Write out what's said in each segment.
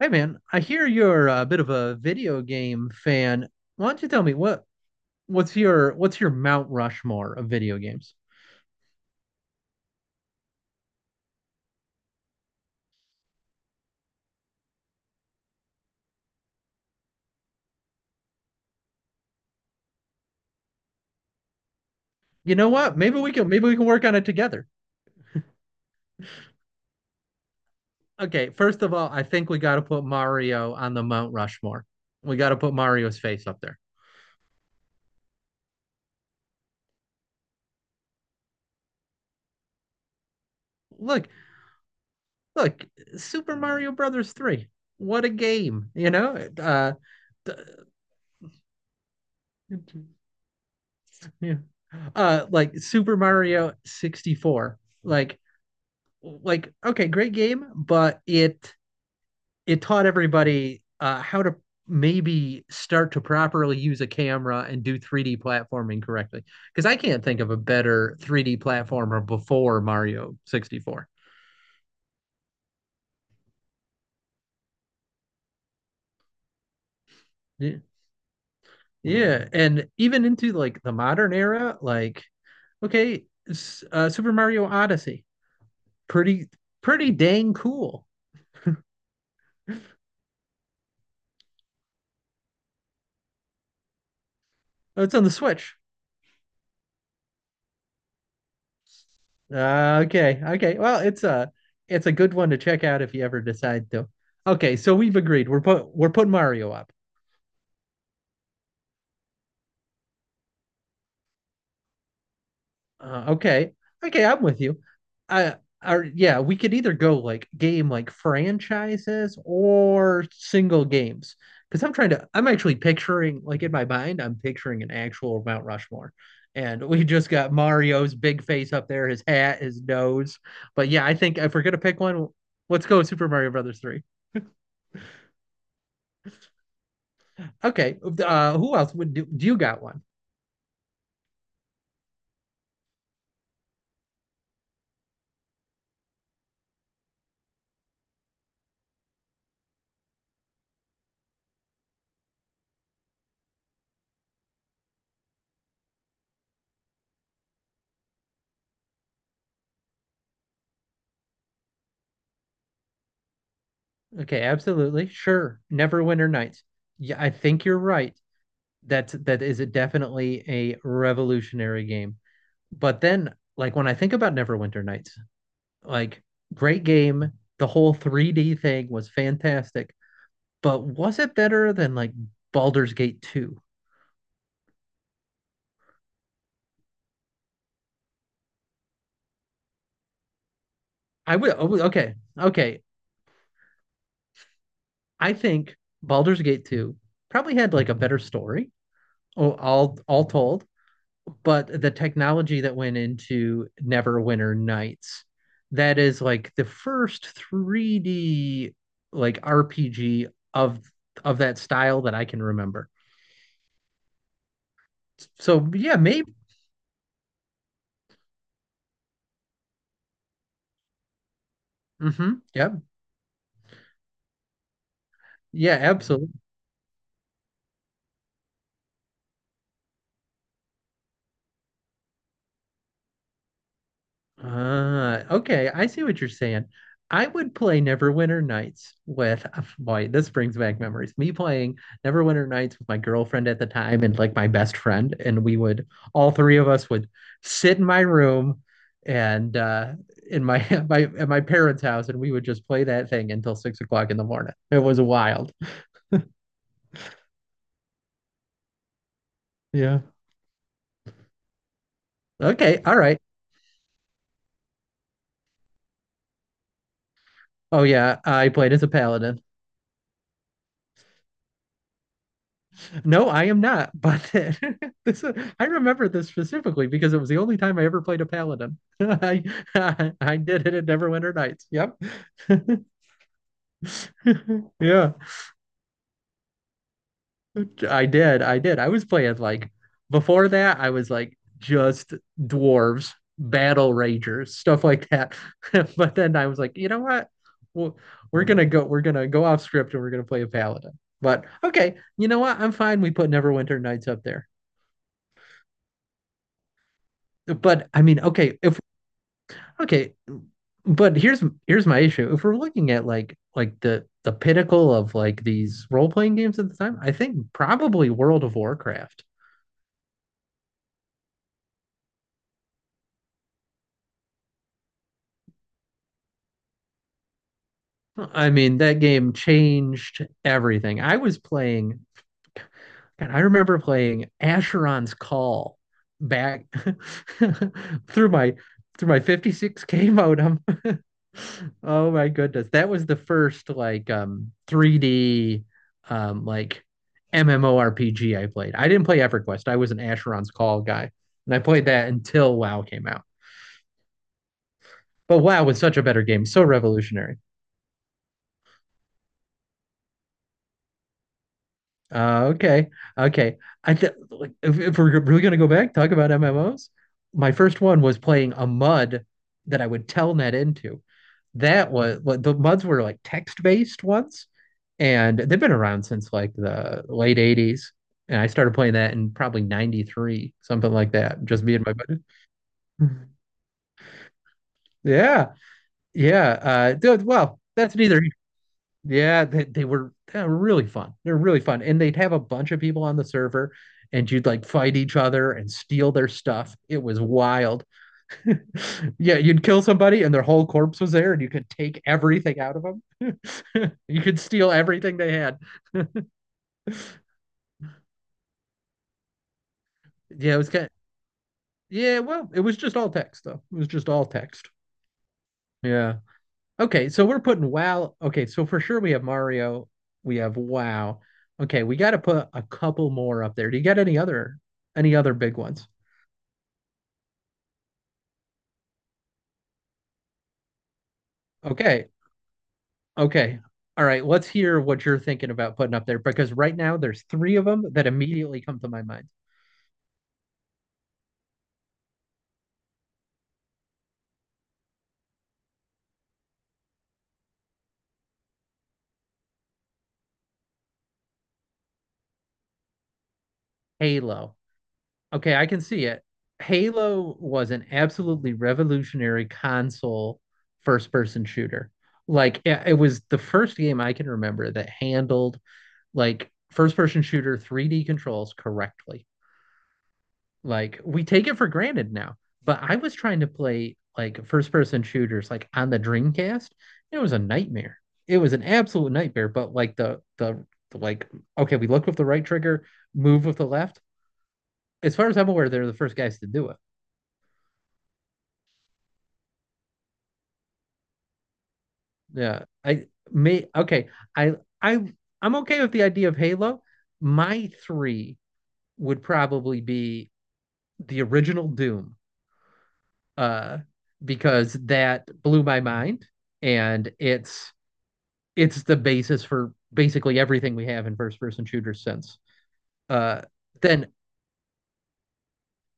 Hey man, I hear you're a bit of a video game fan. Why don't you tell me what's your Mount Rushmore of video games? You know what? Maybe we can work on it together. Okay, first of all, I think we got to put Mario on the Mount Rushmore. We got to put Mario's face up there. Look, look, Super Mario Brothers 3. What a game, d- yeah. Like Super Mario 64. Like like okay, great game, but it taught everybody how to maybe start to properly use a camera and do 3D platforming correctly. Because I can't think of a better 3D platformer before Mario 64. Yeah. Yeah, and even into like the modern era, like okay, Super Mario Odyssey, pretty pretty dang cool. Oh, it's on the Switch. Okay. Well, it's a good one to check out if you ever decide to. Okay, so we've agreed. We're putting Mario up. Uh, okay, okay. I'm with you. I are Yeah. We could either go like game like franchises or single games. Because I'm actually picturing like in my mind, I'm picturing an actual Mount Rushmore, and we just got Mario's big face up there, his hat, his nose. But yeah, I think if we're gonna pick one, let's go Super Mario Brothers three. Okay. Who else would do? Do? You got one. Okay, absolutely. Sure. Neverwinter Nights. Yeah, I think you're right. That's that is a definitely a revolutionary game. But then, like when I think about Neverwinter Nights, like great game. The whole 3D thing was fantastic. But was it better than like Baldur's Gate 2? Okay. Okay. I think Baldur's Gate 2 probably had like a better story, all told, but the technology that went into Neverwinter Nights, that is like the first 3D like RPG of of that style that I can remember. So yeah, maybe. Yeah, yeah, absolutely. Ah, okay, I see what you're saying. I would play Neverwinter Nights with, boy, this brings back memories. Me playing Neverwinter Nights with my girlfriend at the time and like my best friend, and we would all three of us would sit in my room and in my my at my parents' house, and we would just play that thing until 6 o'clock in the morning. It was wild. Yeah. Okay. All right. Oh yeah, I played as a paladin. No, I am not. But this, I remember this specifically because it was the only time I ever played a paladin. I did it at Neverwinter Nights. Yep. Yeah, I did. I did. I was playing like before that. I was like just dwarves, battle ragers, stuff like that. But then I was like, you know what? Well, We're gonna go off script and we're gonna play a paladin. But okay, you know what? I'm fine. We put Neverwinter Nights up there. But I mean, okay, if Okay, but here's my issue. If we're looking at like the pinnacle of like these role-playing games at the time, I think probably World of Warcraft. I mean, that game changed everything. I remember playing Asheron's Call back through my through my 56K modem. Oh my goodness. That was the first like 3D like MMORPG I played. I didn't play EverQuest. I was an Asheron's Call guy. And I played that until WoW came out. But WoW was such a better game, so revolutionary. Uh, okay. Okay. I th Like if we're really gonna go back, talk about MMOs. My first one was playing a MUD that I would telnet into. That was what the MUDs were, like text-based ones, and they've been around since like the late 80s. And I started playing that in probably 93, something like that, just me and my buddy. Yeah. Yeah. Dude, well, that's neither. Yeah, they were really fun. They're really fun. And they'd have a bunch of people on the server and you'd like fight each other and steal their stuff. It was wild. Yeah, you'd kill somebody and their whole corpse was there and you could take everything out of them. You could steal everything they had. Yeah, it was kind of, yeah, well, it was just all text though. It was just all text. Yeah. Okay, so we're putting WoW. Okay, so for sure we have Mario, we have WoW. Okay, we got to put a couple more up there. Do you got any other big ones? Okay. Okay. All right. Let's hear what you're thinking about putting up there because right now there's three of them that immediately come to my mind. Halo. Okay, I can see it. Halo was an absolutely revolutionary console first-person shooter. Like it was the first game I can remember that handled like first-person shooter 3D controls correctly. Like we take it for granted now. But I was trying to play like first person shooters like on the Dreamcast. It was a nightmare. It was an absolute nightmare. But like the like okay, we look with the right trigger, move with the left. As far as I'm aware, they're the first guys to do it. Yeah. I may okay. I I I'm okay with the idea of Halo. My three would probably be the original Doom. Uh because that blew my mind and it's the basis for basically everything we have in first person shooters since. Uh, then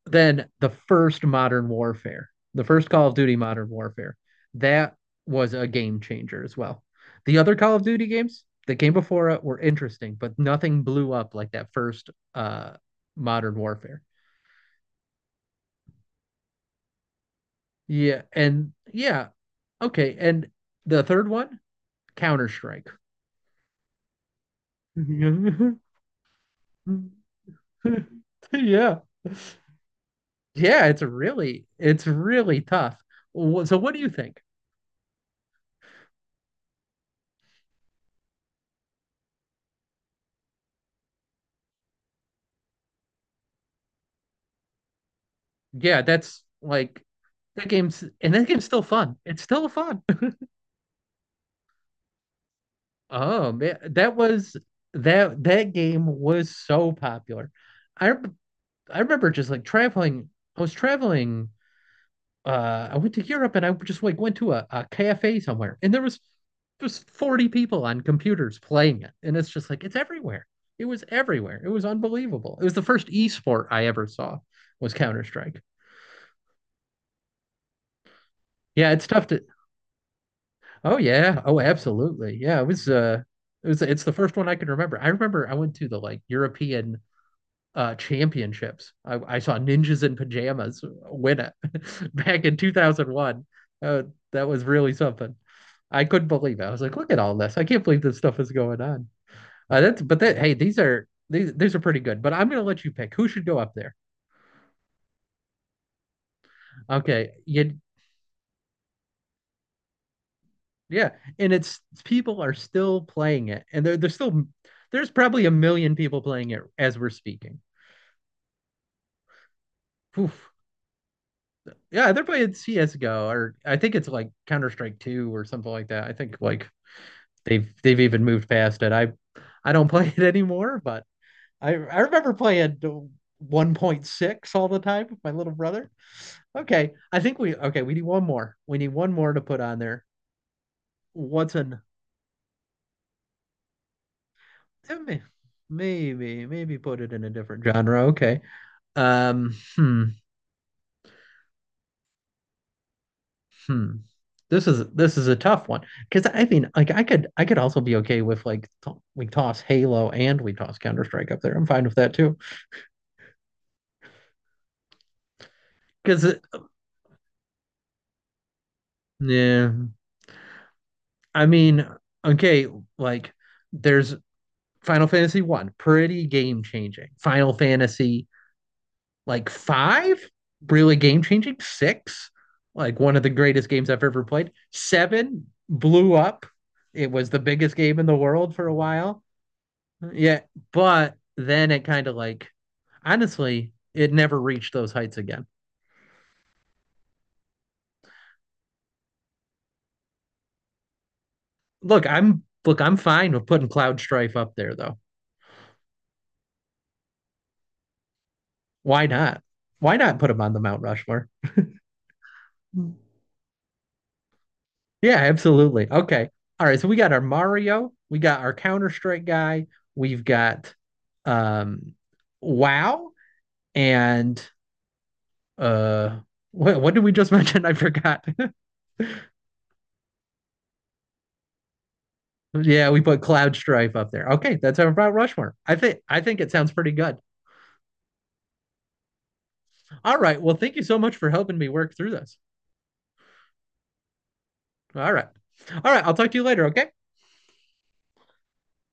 then the first modern warfare, the first Call of Duty Modern Warfare, that was a game changer as well. The other Call of Duty games that came before it were interesting, but nothing blew up like that first uh, Modern Warfare. Yeah, and yeah, okay, and the third one, Counter Strike. yeah, Yeah, it's really tough. So what do you think? Yeah, that's like that game's still fun. It's still fun. Oh man, that game was so popular. I rem- I remember just like traveling. I was traveling I went to Europe and I just like went to a cafe somewhere and there was just 40 people on computers playing it. And it's just like it's everywhere. It was everywhere. It was unbelievable. It was the first e-sport I ever saw was Counter-Strike. Yeah, it's tough to. Oh yeah. Oh, absolutely. Yeah, it's the first one I can remember. I remember I went to the like European championships. I saw Ninjas in Pajamas win it back in 2001. Uh, that was really something. I couldn't believe it. I was like, look at all this. I can't believe this stuff is going on. That's but that Hey, these are pretty good. But I'm gonna let you pick who should go up there. Okay, yeah, and it's people are still playing it, and they're still there's probably a million people playing it as we're speaking. Oof. Yeah, they're playing CS:GO, or I think it's like Counter Strike Two or something like that. I think like they've even moved past it. I don't play it anymore, but I remember playing 1.6 all the time with my little brother. Okay, I think we okay, we need one more. We need one more to put on there. What's an Maybe put it in a different genre. Okay. Um hmm, hmm. This is a tough one because I mean like I could also be okay with like we toss Halo and we toss Counter Strike up there. I'm fine with that too because yeah. I mean, okay, like there's Final Fantasy 1, pretty game changing. Final Fantasy like 5, really game changing. 6, like one of the greatest games I've ever played. 7 blew up. It was the biggest game in the world for a while. Yeah, but then it kind of like honestly, it never reached those heights again. Look, I'm fine with putting Cloud Strife up there though. Why not? Why not put him on the Mount Rushmore? Yeah, absolutely. Okay. All right. So we got our Mario, we got our Counter-Strike guy, we've got um WoW and uh what did we just mention? I forgot. Yeah, we put Cloud Strife up there. Okay, that's our about Rushmore. I think it sounds pretty good. All right. Well, thank you so much for helping me work through this. All right. All right, I'll talk to you later, okay?